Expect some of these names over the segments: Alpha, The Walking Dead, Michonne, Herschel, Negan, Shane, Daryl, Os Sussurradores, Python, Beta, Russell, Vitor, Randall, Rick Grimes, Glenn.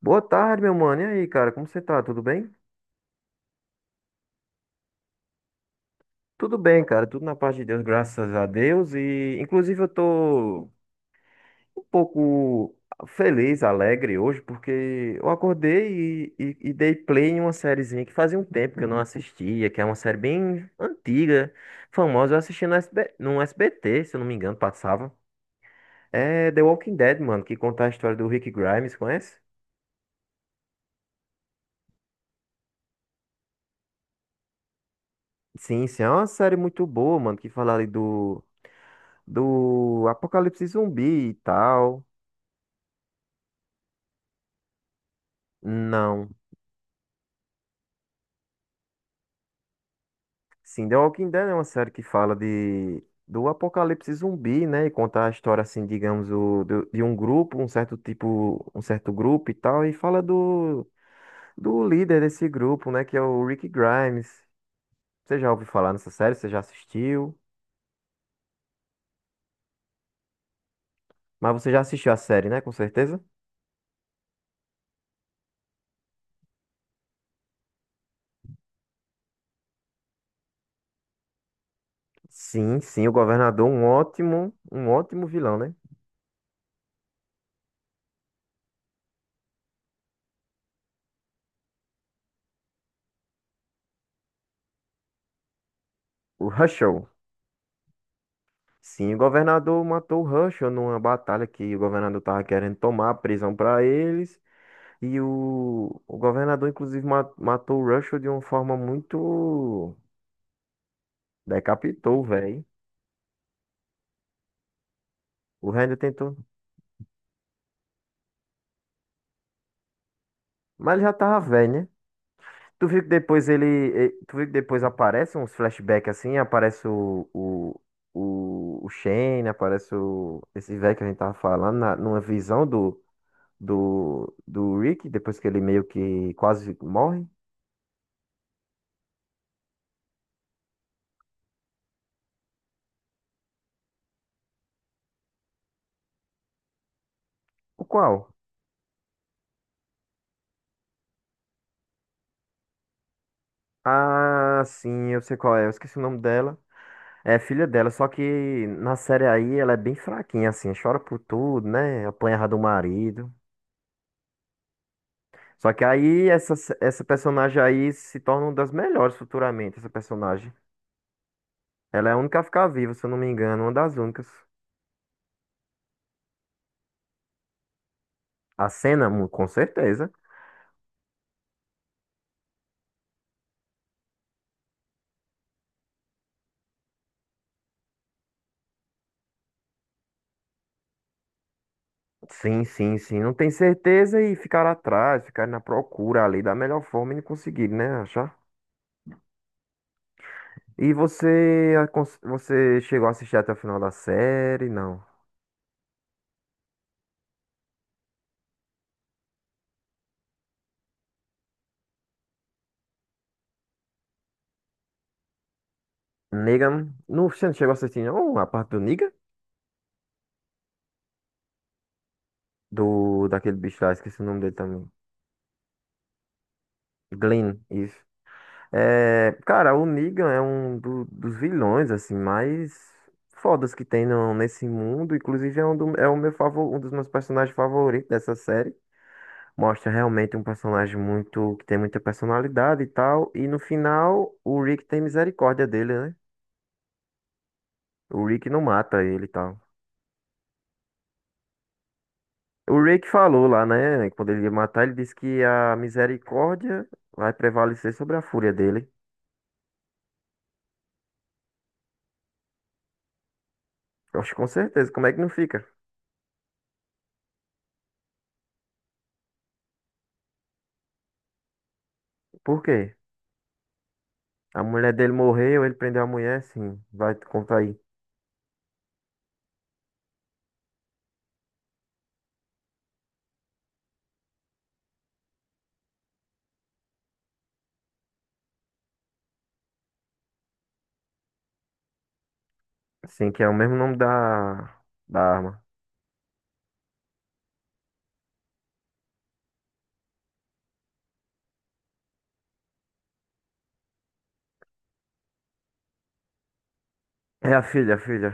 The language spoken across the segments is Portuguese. Boa tarde, meu mano. E aí, cara, como você tá? Tudo bem? Tudo bem, cara. Tudo na paz de Deus, graças a Deus. E, inclusive, eu tô um pouco feliz, alegre hoje, porque eu acordei e dei play em uma sériezinha que fazia um tempo que eu não assistia, que é uma série bem antiga, famosa. Eu assisti no SB, no SBT, se eu não me engano, passava. É The Walking Dead, mano, que conta a história do Rick Grimes, conhece? Sim, sim, é uma série muito boa, mano, que fala ali do Apocalipse Zumbi e tal. Não. Sim, The Walking Dead é uma série que fala de do Apocalipse Zumbi, né? E conta a história assim, digamos, de um grupo, um certo tipo, um certo grupo e tal, e fala do líder desse grupo, né, que é o Rick Grimes. Você já ouviu falar nessa série? Você já assistiu? Mas você já assistiu a série, né? Com certeza? Sim, sim, o governador, um ótimo vilão, né? O Russell. Sim, o governador matou o Herschel numa batalha que o governador tava querendo tomar a prisão para eles. E o governador, inclusive, matou o Herschel de uma forma muito. Decapitou, velho. O Randall tentou. Mas ele já tava velho, né? Tu viu que depois Tu viu que depois aparece uns flashbacks assim? Aparece o. O Shane, aparece o, esse velho que a gente tava falando, numa visão do Rick, depois que ele meio que quase morre. O qual? Ah, sim, eu sei qual é. Eu esqueci o nome dela. É filha dela, só que na série aí ela é bem fraquinha, assim, chora por tudo, né? Apanhava do marido. Só que aí essa personagem aí se torna uma das melhores futuramente, essa personagem. Ela é a única a ficar viva, se eu não me engano, uma das únicas. A cena, com certeza. Sim, sim, sim. Não tem certeza e ficar atrás, ficar na procura ali da melhor forma e não conseguir, né? Achar. E você, você chegou a assistir até o final da série? Não. Negan. No, você não chegou a assistir, não? A parte do Negan? Daquele bicho lá, esqueci o nome dele também. Glenn, isso. É, cara, o Negan é um dos vilões, assim, mais fodas que tem no, nesse mundo. Inclusive, é um, é o meu favor, um dos meus personagens favoritos dessa série. Mostra realmente um personagem muito, que tem muita personalidade e tal. E no final, o Rick tem misericórdia dele, né? O Rick não mata ele e tal. O Ray que falou lá, né? Quando ele ia matar, ele disse que a misericórdia vai prevalecer sobre a fúria dele. Eu acho que com certeza. Como é que não fica? Por quê? A mulher dele morreu, ele prendeu a mulher, sim. Vai te contar aí. Sim, que é o mesmo nome da arma. É a filha, a filha.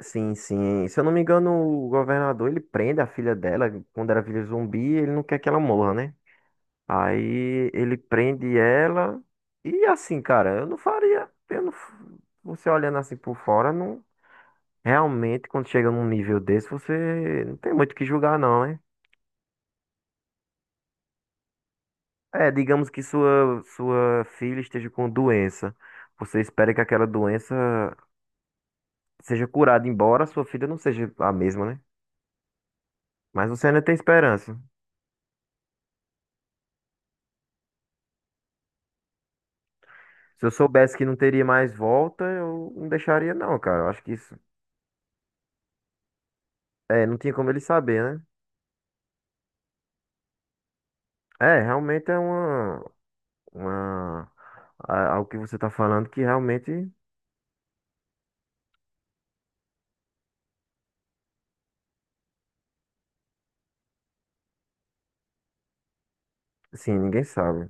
Sim, sim. Se eu não me engano, o governador, ele prende a filha dela quando era filha zumbi, ele não quer que ela morra, né? Aí ele prende ela. E assim, cara, eu não faria. Eu não, você olhando assim por fora, não. Realmente, quando chega num nível desse, você não tem muito o que julgar, não, hein? É, digamos que sua filha esteja com doença. Você espera que aquela doença seja curada, embora sua filha não seja a mesma, né? Mas você ainda tem esperança. Se eu soubesse que não teria mais volta, eu não deixaria, não, cara. Eu acho que isso. É, não tinha como ele saber, né? É, realmente é uma. Uma, algo que você está falando que realmente, sim, ninguém sabe.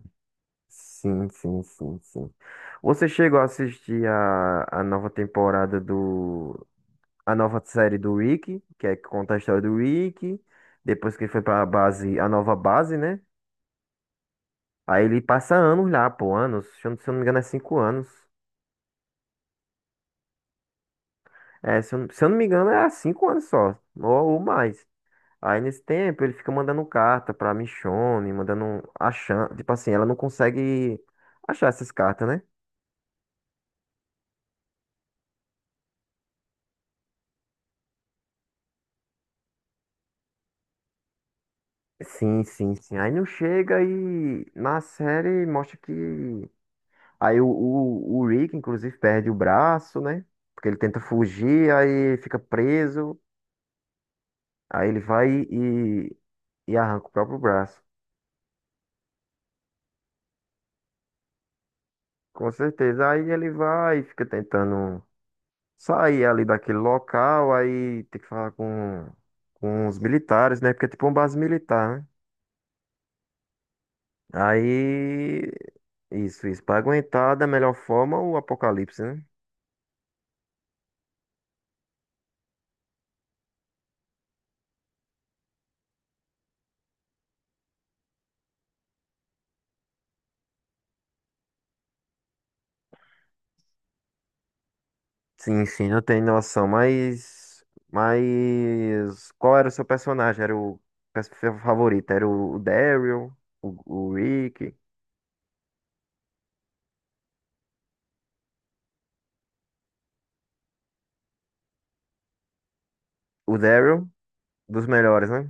Sim, sim, sim, sim. Você chegou a assistir a nova temporada do, a nova série do Rick, que é que conta a história do Rick, depois que ele foi para a base, a nova base, né? Aí ele passa anos lá, pô, anos. Se eu não me engano, é cinco anos. É, se eu não me engano, é há cinco anos só, ou mais. Aí nesse tempo ele fica mandando carta pra Michonne, mandando achando, tipo assim, ela não consegue achar essas cartas, né? Sim, sim, sim. Aí não chega e na série mostra que aí o Rick inclusive perde o braço, né? Porque ele tenta fugir, aí fica preso, aí ele vai e arranca o próprio braço. Com certeza. Aí ele vai e fica tentando sair ali daquele local, aí tem que falar com os militares, né? Porque é tipo uma base militar, né? Aí, isso, isso. Pra aguentar da melhor forma o apocalipse, né? Sim, sim, eu tenho noção, mas. Mas. Qual era o seu personagem? Era o pers- favorito? Era o Daryl? O Rick? O Daryl? Dos melhores, né?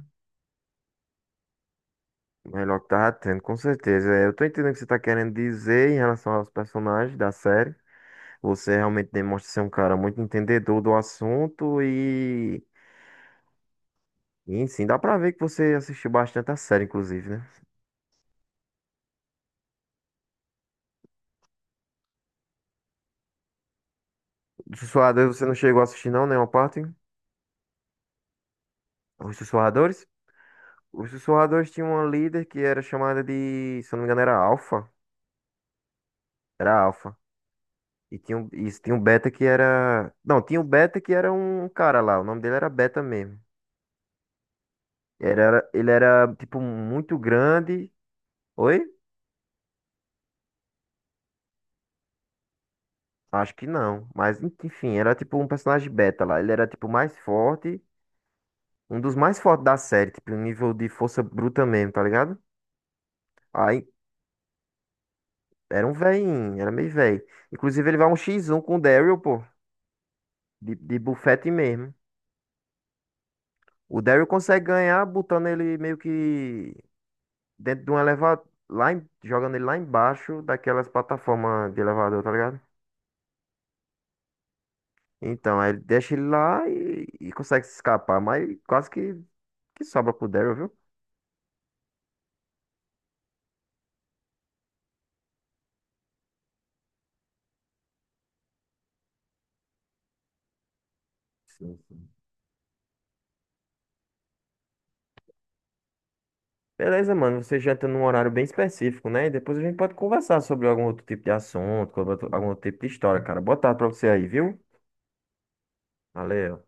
Melhor que tava tendo, com certeza. É, eu tô entendendo o que você tá querendo dizer em relação aos personagens da série. Você realmente demonstra ser um cara muito entendedor do assunto e sim, dá pra ver que você assistiu bastante a série, inclusive, né? Os Sussurradores você não chegou a assistir não, nenhuma parte? Os Sussurradores? Os Sussurradores tinham uma líder que era chamada de, se eu não me engano, era Alpha. Era Alpha. E tinha um Beta que era... Não, tinha um Beta que era um cara lá, o nome dele era Beta mesmo. Ele era tipo, muito grande. Oi? Acho que não. Mas, enfim, era tipo um personagem beta lá. Ele era tipo mais forte. Um dos mais fortes da série. Tipo, um nível de força bruta mesmo, tá ligado? Aí era um velhinho, era meio velho. Inclusive, ele vai um X1 com o Daryl, pô. De bufete mesmo. O Daryl consegue ganhar botando ele meio que dentro de um elevador. Jogando ele lá embaixo daquelas plataformas de elevador, tá ligado? Então, aí ele deixa ele lá e consegue se escapar. Que sobra pro Daryl, viu? Sim. Beleza, mano. Você janta num horário bem específico, né? E depois a gente pode conversar sobre algum outro tipo de assunto, sobre algum outro tipo de história, cara. Boa tarde pra você aí, viu? Valeu.